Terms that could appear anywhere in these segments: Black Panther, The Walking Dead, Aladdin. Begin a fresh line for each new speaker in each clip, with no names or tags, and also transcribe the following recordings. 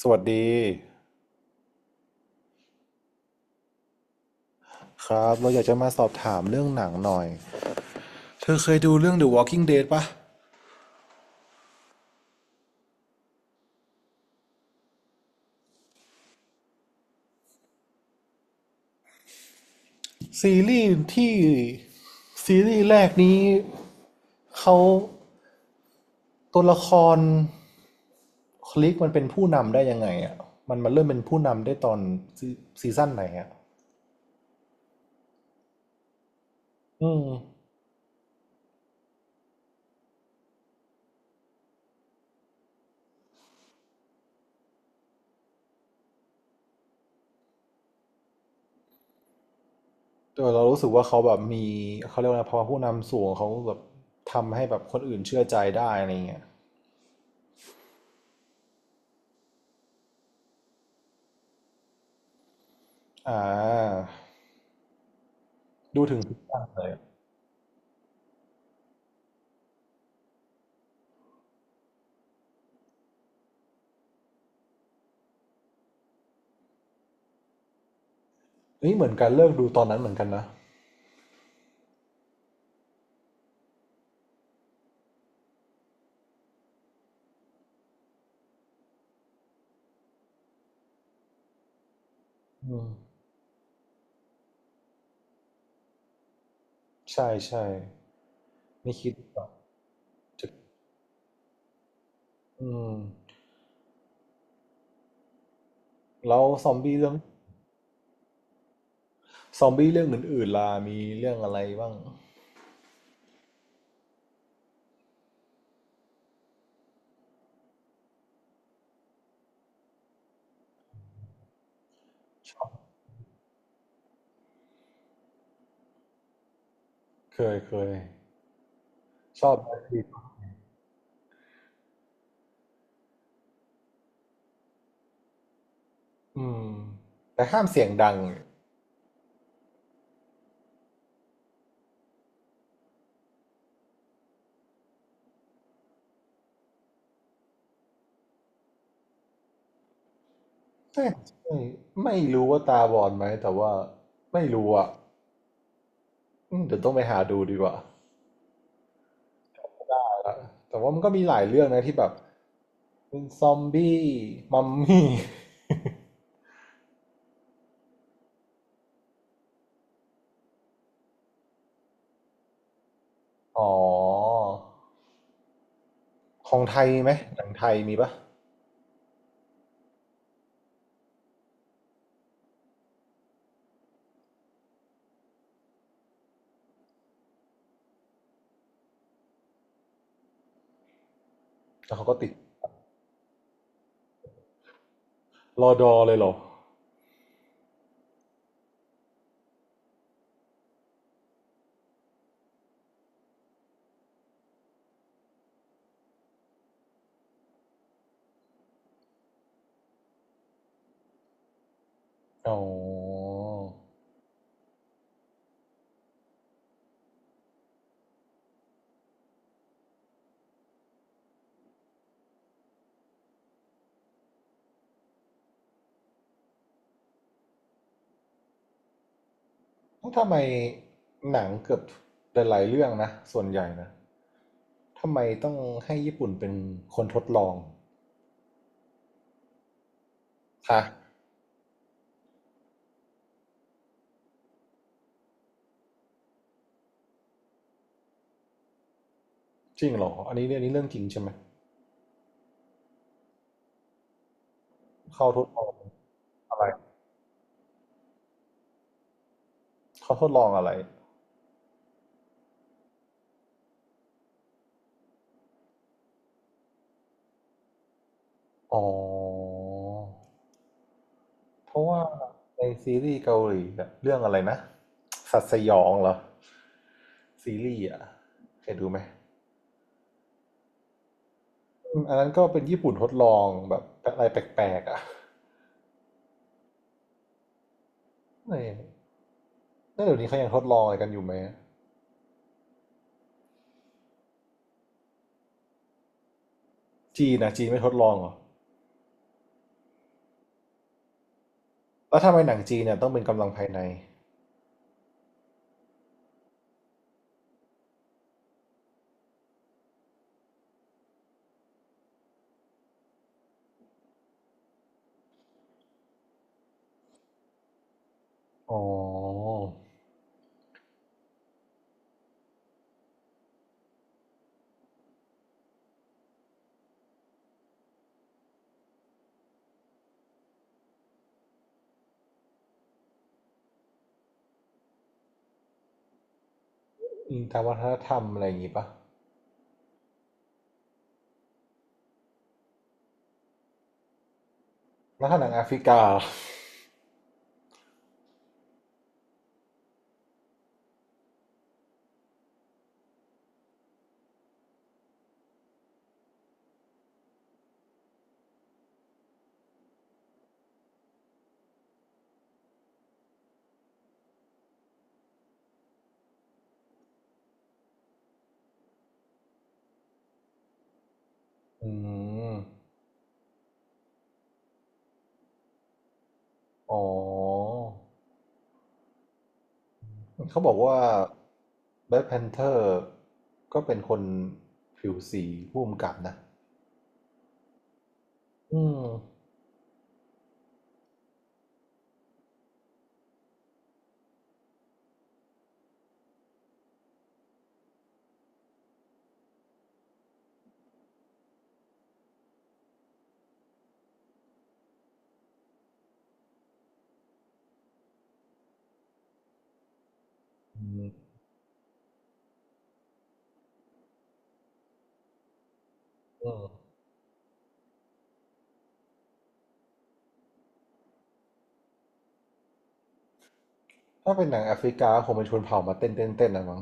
สวัสดีครับเราอยากจะมาสอบถามเรื่องหนังหน่อยเธอเคยดูเรื่อง The Walking Dead ปะซีรีส์ที่ซีรีส์แรกนี้เขาตัวละครคลิกมันเป็นผู้นำได้ยังไงอ่ะมันเริ่มเป็นผู้นำได้ตอนซีซีซั่นไหนอ่ะอืมแต่เรารู้สึกว่าเขาแบบมีเขาเรียกว่าอะไรพอผู้นำสูงเขาแบบทำให้แบบคนอื่นเชื่อใจได้อะไรเงี้ยอ่าดูถึงทุกตอนเลยเฮ้ยเหมือนกันเลิกดูตอนนั้นเหมือนกันนะอืม ใช่ใช่ไม่คิดแบบจะอืมแล้วซอมบี้เรื่องซอมบี้เรื่องอื่นๆล่ะมีเรื่องอะไรบ้างชอบเคยเคยชอบแบลคพีทอืมแต่ห้ามเสียงดังเอ้ยไม่ไม่รู้ว่าตาบอดไหมแต่ว่าไม่รู้อ่ะอืมเดี๋ยวต้องไปหาดูดีกว่าแต่ว่ามันก็มีหลายเรื่องนะที่แบบเป็นซอมบี้มัมมี่ อ๋อของไทยไหมหนังไทยมีปะแล้วเขาก็ติด รอดอเลยเหรออ๋อทำไมหนังเกือบหลายๆเรื่องนะส่วนใหญ่นะทำไมต้องให้ญี่ปุ่นเป็นคนทดลองฮะจริงเหรออันนี้เรื่องนี้เรื่องจริงใช่ไหมเขาทดลองอะไรเขาทดลองอะไรอ๋อเพราะว่าในซีรีส์เกาหลีอะเรื่องอะไรนะสัตว์สยองเหรอซีรีส์อะเคยดูไหมอืมอันนั้นก็เป็นญี่ปุ่นทดลองแบบอะไรแปลกๆอะ แล้วเดี๋ยวนี้เขายังทดลองอะไรกันอยู่ไหมจีนนะจีนไม่ทดลองเหรอแล้วทำไมหนังจีนเนี่ยต้องเป็นกำลังภายในอ๋ออิงตามวัฒนธรรมอะไรอย่างงี้ปะแล้วถ้าหนังแอฟริกาล่ะอืมอ๋อเขาบอกว่าแบล็ c k พนเทอร์ก็เป็นคนผิวสีผู้กำกับนะอืมอืมอืมถ้าเป็นหนังแอฟริกาคงเป็นชนเผ่ามาเต้นเต้นเต้นนะมั้ง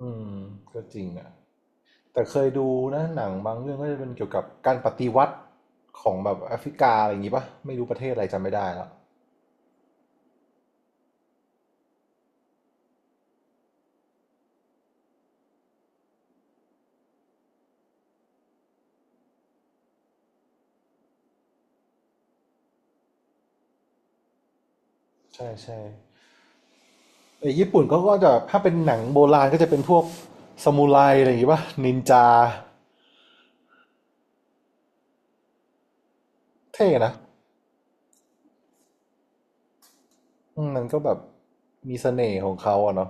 อืมก็จริงอ่ะ แต่เคยดูนะหนังบางเรื่องก็จะเป็นเกี่ยวกับการปฏิวัติของแบบแอฟริกาอะไรอย่างงี้ปะไม่รู้ประเทศอะไรจำไม่ได้แล้วใช่ใช่ไอ้ญี่ปุ่นก็จะถ้าเป็นหนังโบราณก็จะเป็นพวกซามูไรอะไรอย่างงี้ปะนินจาเท่นะอืมมันก็แบบมีเสน่ห์ของเขาอะเนาะ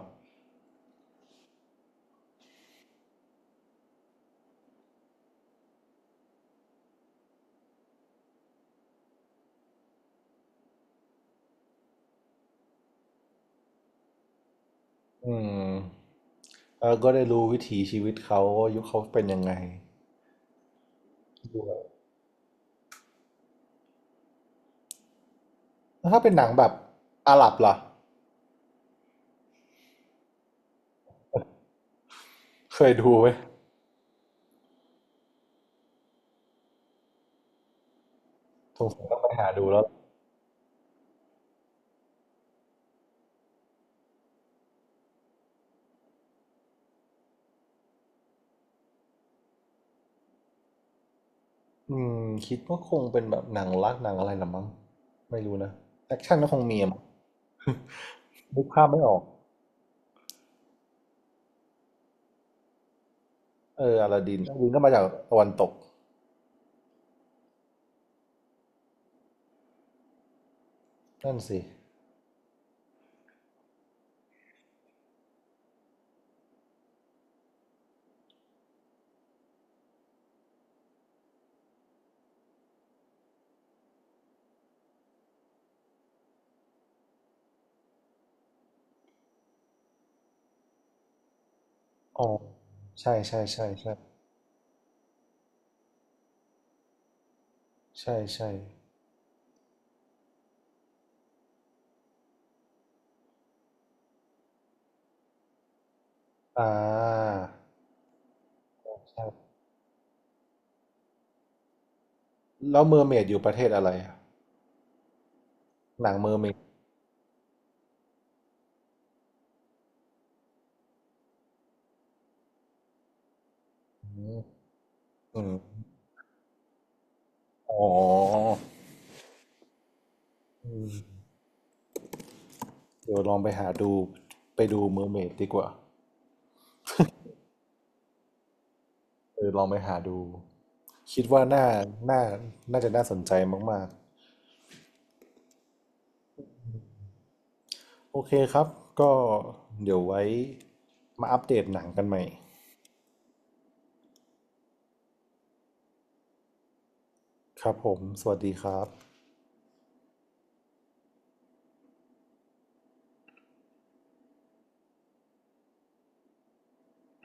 อืมแล้วก็ได้รู้วิถีชีวิตเขาว่ายุคเขาเป็นยังไงดูแบบแล้วถ้าเป็นหนังแบบอาหรับล่ะเคยดูไหมสงสัยต้องไปหาดูแล้ว อืมคิดว่าคงเป็นแบบหนังรักหนังอะไรละมั้งไม่รู้นะแอคชั่นก็คงมีอะมั้งนึกภาพไม่ออกเอออลาดินอลาดินก็มาจากตะวันตกนั่นสิอ๋อใช่ใช่ใช่ใช่ใช่ใช่อ่าใช่แล้วเมอร์เมดอยู่ประเทศอะไรอะหนังเมอร์เมดอืมอืมอ๋ออืมเดี๋ยวลองไปหาดูไปดูเมอร์เมดดีกว่าเออลองไปหาดูคิดว่าน่าน่าจะน่าสนใจมากๆ โอเคครับ ก็เดี๋ยวไว้มาอัปเดตหนังกันใหม่ครับผมสวัสดีครับ